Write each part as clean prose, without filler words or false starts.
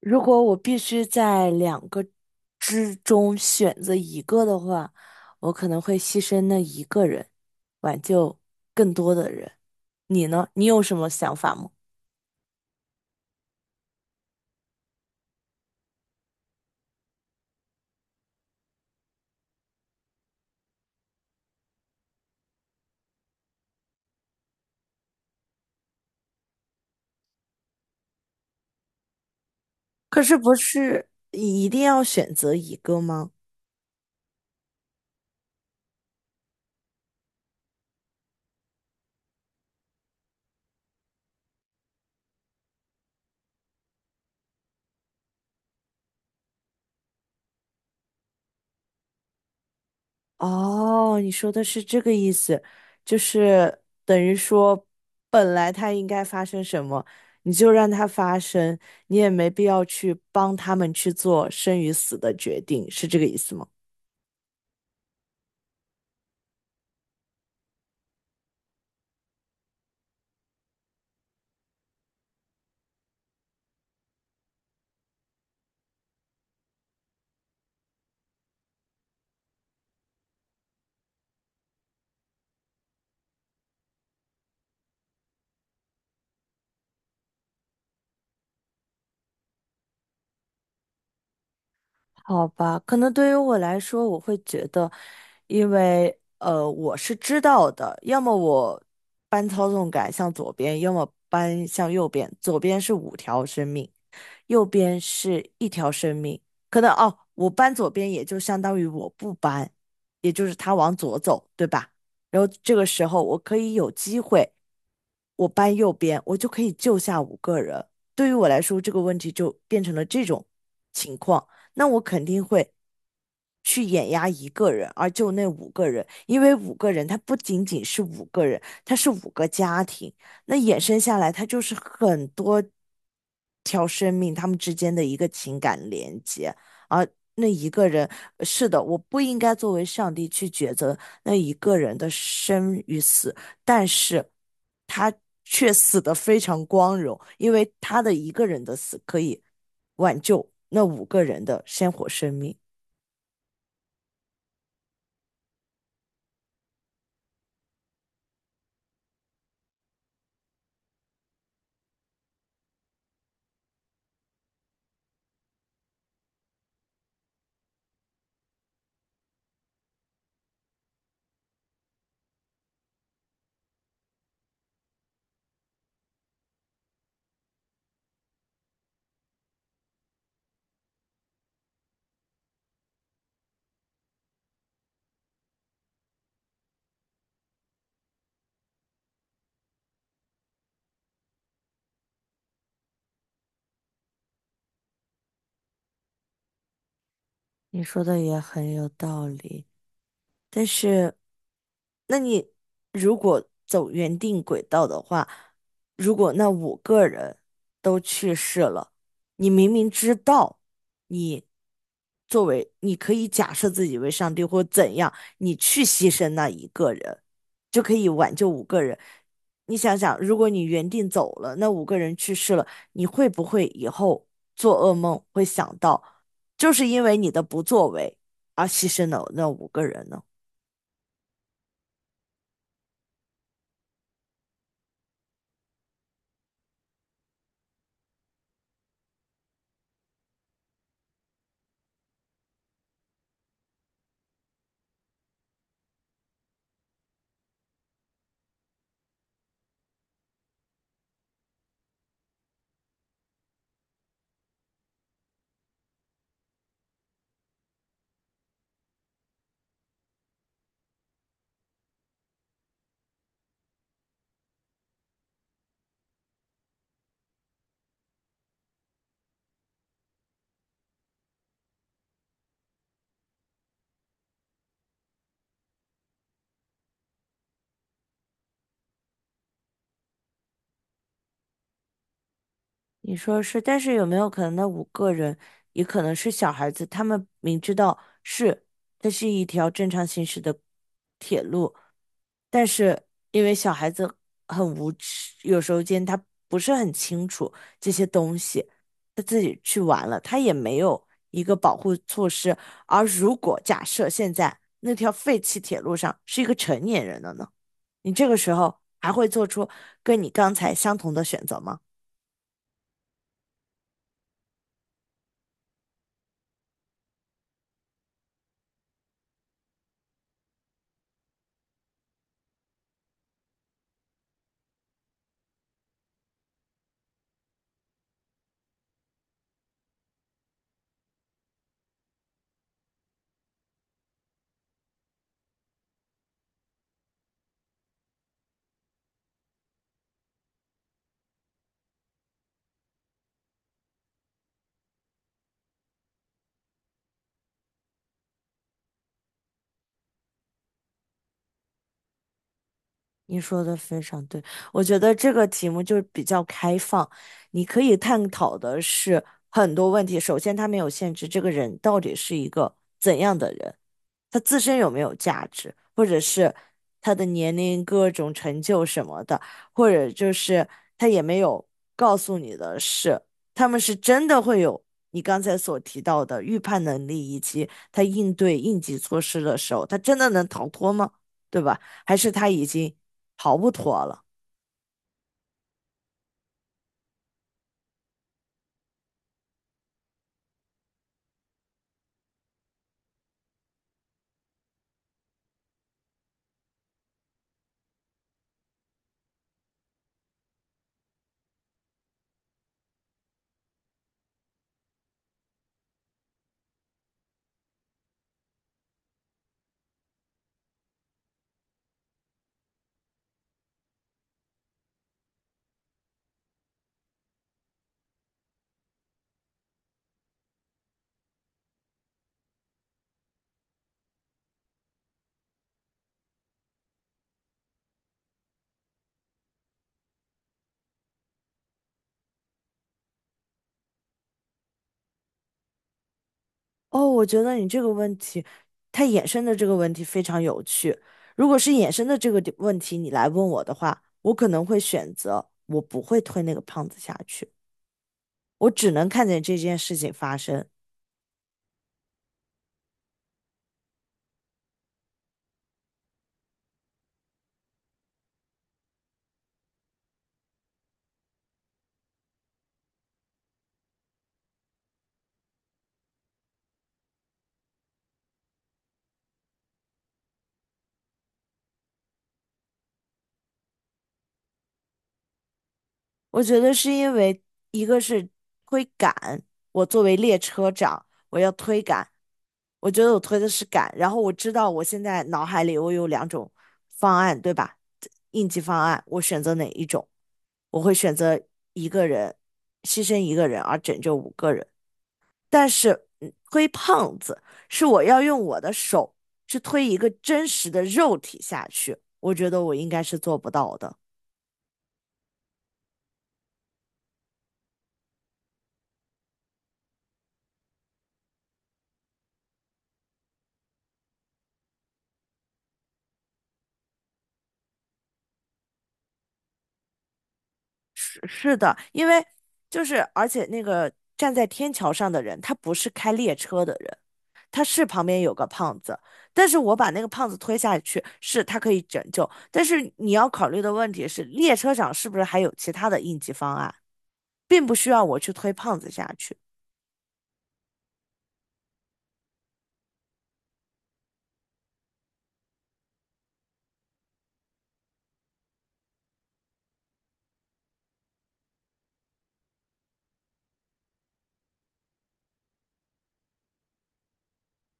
如果我必须在两个之中选择一个的话，我可能会牺牲那一个人，挽救更多的人。你呢？你有什么想法吗？可是不是一定要选择一个吗？哦，你说的是这个意思，就是等于说，本来他应该发生什么，你就让他发生，你也没必要去帮他们去做生与死的决定，是这个意思吗？好吧，可能对于我来说，我会觉得，因为,我是知道的，要么我搬操纵杆向左边，要么搬向右边。左边是五条生命，右边是一条生命。可能哦，我搬左边也就相当于我不搬，也就是他往左走，对吧？然后这个时候我可以有机会，我搬右边，我就可以救下五个人。对于我来说，这个问题就变成了这种情况。那我肯定会去碾压一个人，而就那五个人，因为五个人他不仅仅是五个人，他是五个家庭，那衍生下来，他就是很多条生命他们之间的一个情感连接，而那一个人，是的，我不应该作为上帝去抉择那一个人的生与死，但是他却死得非常光荣，因为他的一个人的死可以。挽救那五个人的鲜活生命。你说的也很有道理。但是，那你如果走原定轨道的话，如果那五个人都去世了，你明明知道你作为你可以假设自己为上帝或怎样，你去牺牲那一个人，就可以挽救五个人。你想想，如果你原定走了，那五个人去世了，你会不会以后做噩梦会想到，就是因为你的不作为而牺牲了那五个人呢？你说是，但是有没有可能那五个人也可能是小孩子？他们明知道是这是一条正常行驶的铁路，但是因为小孩子很无知，有时候间他不是很清楚这些东西，他自己去玩了，他也没有一个保护措施。而如果假设现在那条废弃铁路上是一个成年人了呢？你这个时候还会做出跟你刚才相同的选择吗？你说的非常对，我觉得这个题目就是比较开放，你可以探讨的是很多问题。首先，他没有限制这个人到底是一个怎样的人，他自身有没有价值，或者是他的年龄、各种成就什么的，或者就是他也没有告诉你的是，他们是真的会有你刚才所提到的预判能力，以及他应对应急措施的时候，他真的能逃脱吗？对吧？还是他已经逃不脱了？哦，我觉得你这个问题，它衍生的这个问题非常有趣。如果是衍生的这个问题，你来问我的话，我可能会选择我不会推那个胖子下去，我只能看见这件事情发生。我觉得是因为一个是推赶，我作为列车长，我要推赶，我觉得我推的是赶，然后我知道我现在脑海里我有两种方案，对吧？应急方案，我选择哪一种？我会选择一个人，牺牲一个人而拯救五个人。但是推胖子是我要用我的手去推一个真实的肉体下去，我觉得我应该是做不到的。是是的，因为就是而且那个站在天桥上的人，他不是开列车的人，他是旁边有个胖子，但是我把那个胖子推下去，是他可以拯救，但是你要考虑的问题是，列车长是不是还有其他的应急方案？并不需要我去推胖子下去，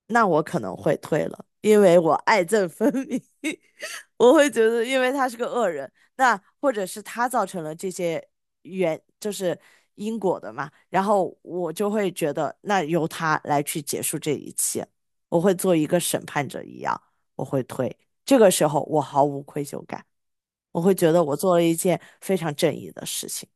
那我可能会推了，因为我爱憎分明 我会觉得因为他是个恶人，那或者是他造成了这些原就是因果的嘛，然后我就会觉得那由他来去结束这一切，我会做一个审判者一样，我会推，这个时候我毫无愧疚感，我会觉得我做了一件非常正义的事情。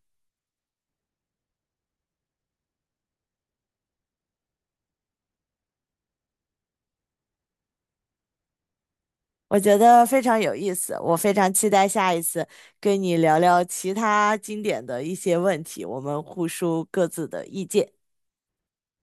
我觉得非常有意思，我非常期待下一次跟你聊聊其他经典的一些问题，我们互输各自的意见。